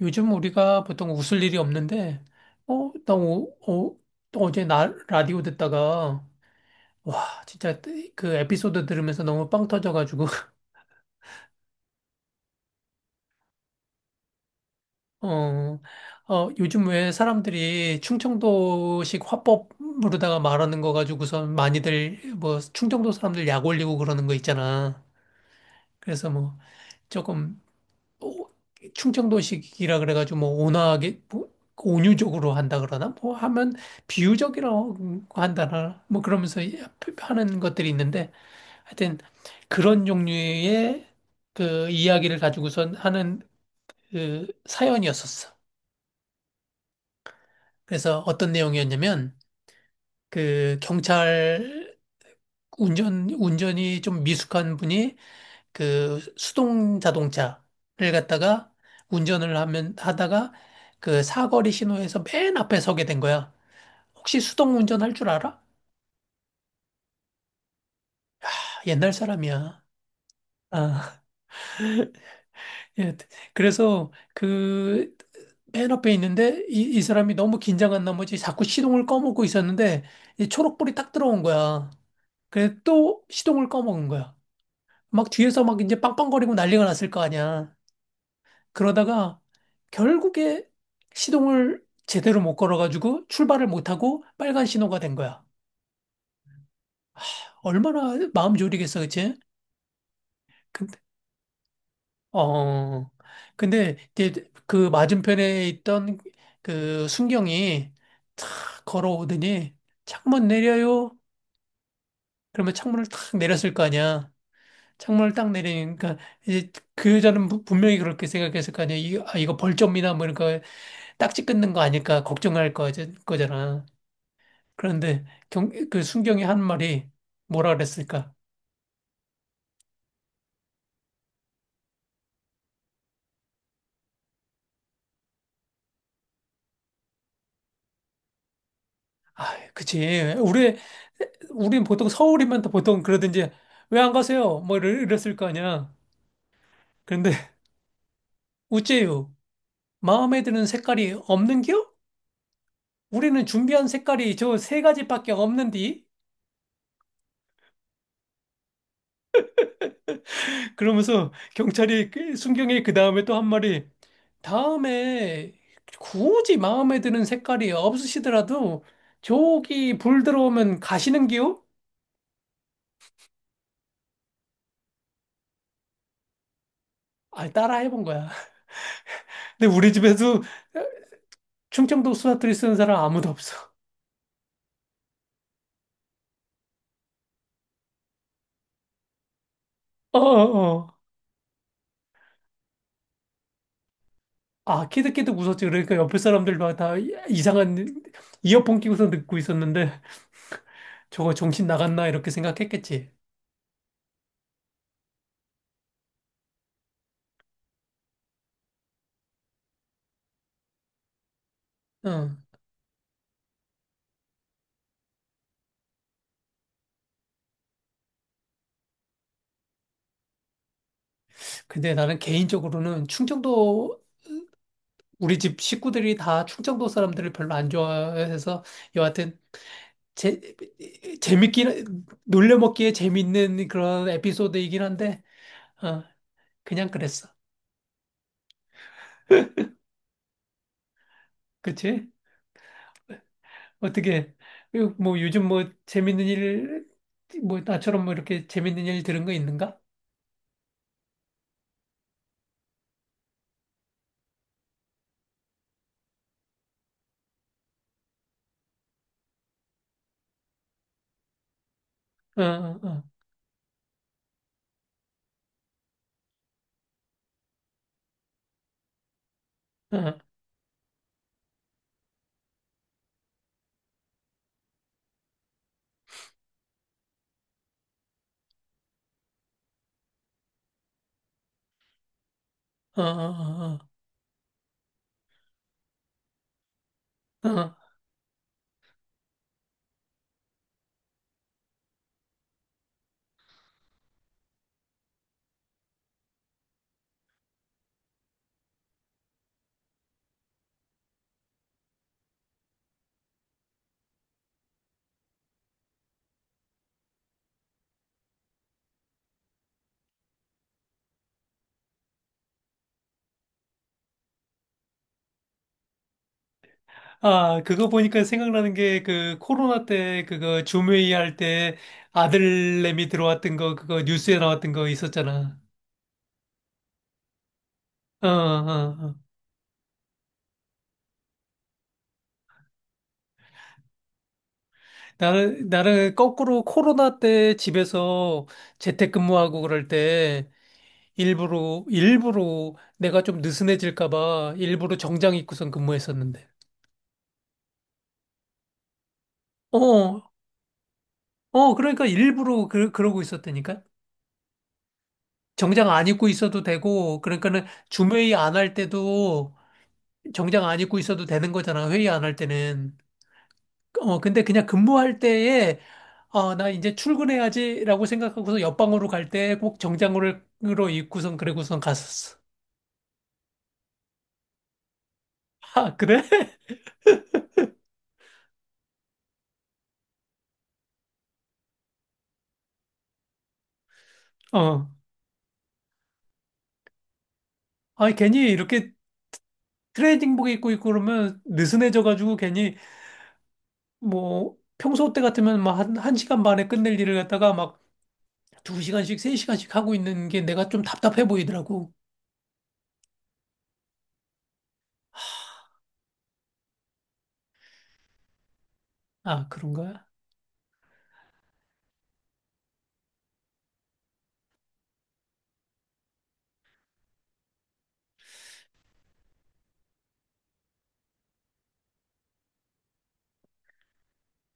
요즘 우리가 보통 웃을 일이 없는데, 어, 나 오, 어, 어제 나 라디오 듣다가, 와, 진짜 그 에피소드 들으면서 너무 빵 터져가지고, 어, 요즘 왜 사람들이 충청도식 화법 으로다가 말하는 거 가지고선 많이들, 뭐, 충청도 사람들 약 올리고 그러는 거 있잖아. 그래서 뭐, 조금 오- 충청도식이라 그래가지고 뭐 온화하게 뭐 온유적으로 한다 그러나 뭐 하면 비유적이라고 한다나 뭐 그러면서 하는 것들이 있는데 하여튼 그런 종류의 그 이야기를 가지고선 하는 그 사연이었었어. 그래서 어떤 내용이었냐면 그 경찰 운전이 좀 미숙한 분이 그 수동 자동차를 갖다가 운전을 하면 하다가 그 사거리 신호에서 맨 앞에 서게 된 거야. 혹시 수동 운전할 줄 알아? 아, 옛날 사람이야. 아, 예. 그래서 그 맨 앞에 있는데 이 사람이 너무 긴장한 나머지 자꾸 시동을 꺼먹고 있었는데 이 초록불이 딱 들어온 거야. 그래서 또 시동을 꺼먹은 거야. 막 뒤에서 막 이제 빵빵거리고 난리가 났을 거 아니야. 그러다가 결국에 시동을 제대로 못 걸어가지고 출발을 못하고 빨간 신호가 된 거야. 얼마나 마음 졸이겠어, 그치? 근데, 어, 어, 어. 근데 이제 그 맞은편에 있던 그 순경이 탁 걸어오더니 창문 내려요. 그러면 창문을 탁 내렸을 거 아니야. 창문을 딱 내리니까 이제 그 여자는 분명히 그렇게 생각했을 거 아니야. 이거 벌점이나 뭐 이런 거 딱지 끊는 거 아닐까 걱정할 거잖아. 그런데 그 순경이 한 말이 뭐라 그랬을까? 아, 그치. 우린 보통 서울이면 또 보통 그러든지 왜 안 가세요? 뭐 이랬을 거 아니야. 그런데 우째요. 마음에 드는 색깔이 없는겨? 우리는 준비한 색깔이 저 세 가지밖에 없는디? 그러면서 경찰이 그 순경이 그 다음에 또 한 말이 다음에 굳이 마음에 드는 색깔이 없으시더라도 저기 불 들어오면 가시는겨? 아, 따라 해본 거야. 근데 우리 집에도 충청도 수사투리 쓰는 사람 아무도 없어. 어, 어, 어. 아, 키득키득 웃었지. 그러니까 옆에 사람들도 다 이상한 이어폰 끼고서 듣고 있었는데 저거 정신 나갔나 이렇게 생각했겠지. 응. 근데 나는 개인적으로는 충청도 우리 집 식구들이 다 충청도 사람들을 별로 안 좋아해서 여하튼 재 재밌긴 놀려먹기에 재밌는 그런 에피소드이긴 한데 어, 그냥 그랬어. 그치? 어떻게 그 뭐 요즘 뭐 재밌는 일 뭐 나처럼 뭐 이렇게 재밌는 일 들은 거 있는가? 어, 어, 어, 어, 어, 어, 어. 어. 아, 그거 보니까 생각나는 게 그 코로나 때 그거 줌회의 할 때 아들내미 들어왔던 거 그거 뉴스에 나왔던 거 있었잖아. 어, 어, 어. 나는 거꾸로 코로나 때 집에서 재택근무하고 그럴 때 일부러, 일부러 내가 좀 느슨해질까봐 일부러 정장 입고선 근무했었는데. 어, 그러니까 일부러 그러고 있었다니까? 정장 안 입고 있어도 되고, 그러니까는 줌회의 안 할 때도 정장 안 입고 있어도 되는 거잖아, 회의 안 할 때는. 근데 그냥 근무할 때에, 아, 나 이제 출근해야지라고 생각하고서 옆방으로 갈 때 꼭 정장으로 입고선 그러고선 갔었어. 아, 그래? 어. 아, 괜히 이렇게 트레이딩복 입고 있고 그러면 느슨해져가지고 괜히 뭐 평소 때 같으면 막 한 시간 반에 끝낼 일을 갖다가 막 두 시간씩, 세 시간씩 하고 있는 게 내가 좀 답답해 보이더라고. 아, 그런가?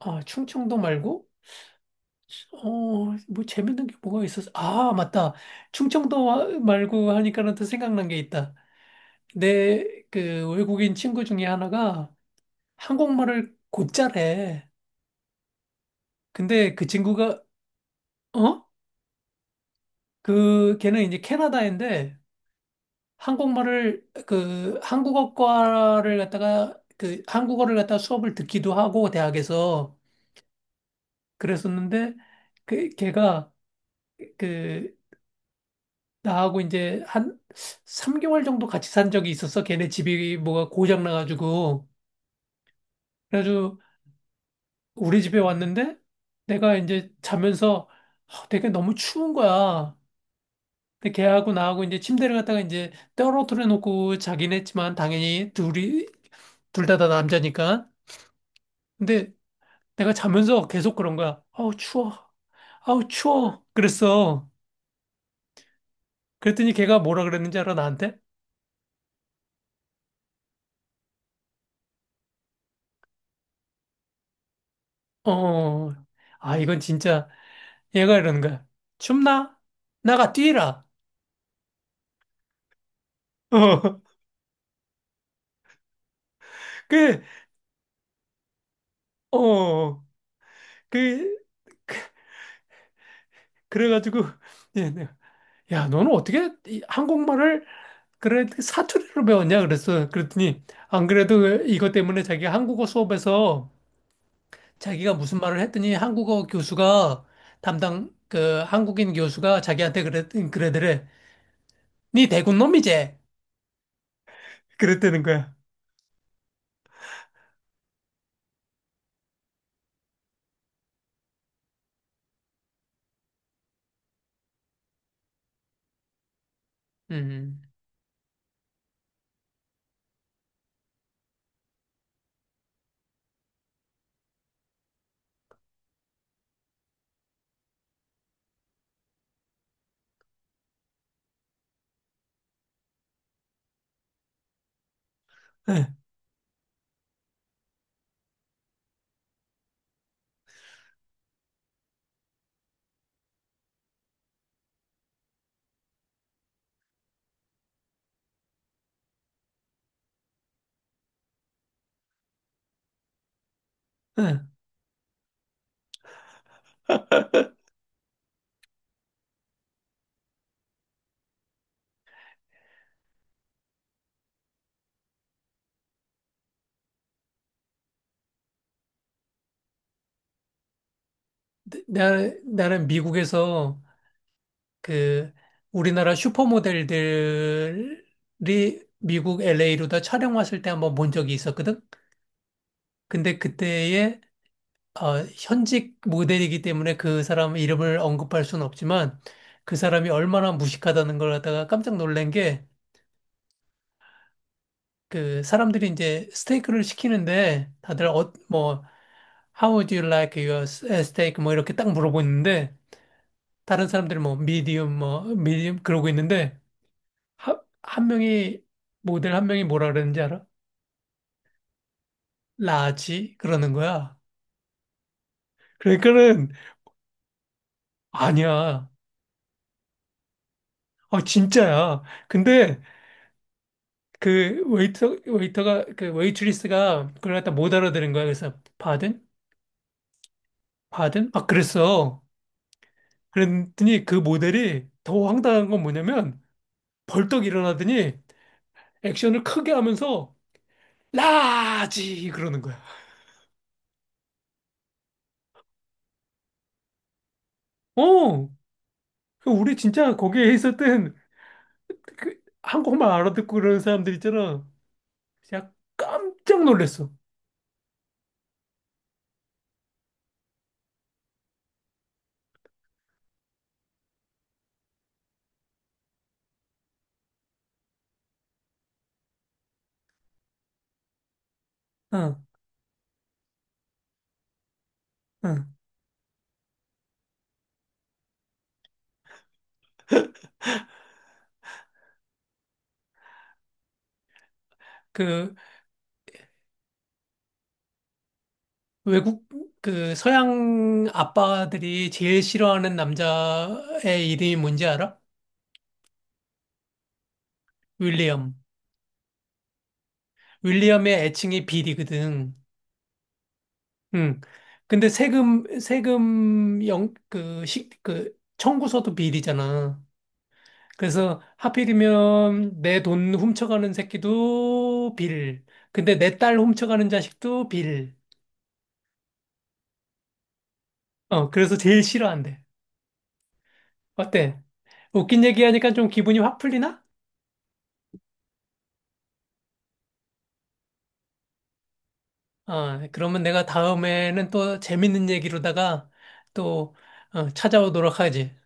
아, 충청도 말고? 어, 뭐 재밌는 게 뭐가 있었어? 아, 맞다. 충청도 말고 하니까는 또 생각난 게 있다. 내 그 외국인 친구 중에 하나가 한국말을 곧잘해. 근데 그 친구가, 어? 그, 걔는 이제 캐나다인데, 한국말을 그 한국어과를 갖다가 그 한국어를 갖다가 수업을 듣기도 하고 대학에서 그랬었는데 그 걔가 그 나하고 이제 한 3개월 정도 같이 산 적이 있었어. 걔네 집이 뭐가 고장 나가지고 그래가지고 우리 집에 왔는데 내가 이제 자면서 되게 너무 추운 거야. 근데 걔하고 나하고 이제 침대를 갖다가 이제 떨어뜨려 놓고 자긴 했지만 당연히 둘이 둘 다 남자니까. 근데 내가 자면서 계속 그런 거야. 아우, 추워. 아우, 추워. 그랬어. 그랬더니 걔가 뭐라 그랬는지 알아, 나한테? 어, 어, 어." 아, 이건 진짜, 얘가 이러는 거야. 춥나? 나가 뛰라. 어, 그, 어, 어, 어. 그, 그래가지고, 예, 내가, 야, 너는 어떻게 이 한국말을, 그래, 그 사투리로 배웠냐? 그랬어. 그랬더니, 안 그래도 이것 때문에 자기 한국어 수업에서 자기가 무슨 말을 했더니 한국어 교수가 담당 그 한국인 교수가 자기한테 그랬 그래더래. 네 대군 놈이제. 그랬다는 거야. 음, 응, 응. 나, 나는 미국에서 그 우리나라 슈퍼모델들이 미국 LA로 다 촬영 왔을 때 한번 본 적이 있었거든. 근데 그때의 현직 모델이기 때문에 그 사람 이름을 언급할 수는 없지만 그 사람이 얼마나 무식하다는 걸 갖다가 깜짝 놀란 게 그 사람들이 이제 스테이크를 시키는데 다들 어, 뭐 How would you like your steak? 뭐 이렇게 딱 물어보는데 다른 사람들이 뭐 medium 뭐 medium 그러고 있는데 한 명이 모델 한 명이 뭐라 그러는지 알아? 라지 그러는 거야. 그러니까는 아니야. 아 진짜야. 근데 그 웨이터 웨이터가 그 웨이트리스가 그걸 갖다 못 알아들은 거야. 그래서 pardon? pardon? 막 그랬어. 그랬더니 그 모델이 더 황당한 건 뭐냐면 벌떡 일어나더니 액션을 크게 하면서 라지 그러는 거야. 어, 그 우리 진짜 거기에 있었던 그 한국말 알아듣고 그러는 사람들 있잖아. 진짜 깜짝 놀랐어. 응, 응. 그 외국 그 서양 아빠들이 제일 싫어하는 남자의 이름이 뭔지 알아? 윌리엄. 윌리엄의 애칭이 빌이거든. 음. 근데 세금 영, 그, 시, 그, 청구서도 빌이잖아. 그래서 하필이면 내 돈 훔쳐가는 새끼도 빌. 근데 내 딸 훔쳐가는 자식도 빌. 어, 그래서 제일 싫어한대. 어때? 웃긴 얘기하니까 좀 기분이 확 풀리나? 어, 그러면 내가 다음에는 또 재밌는 얘기로다가 또 찾아오도록 하지.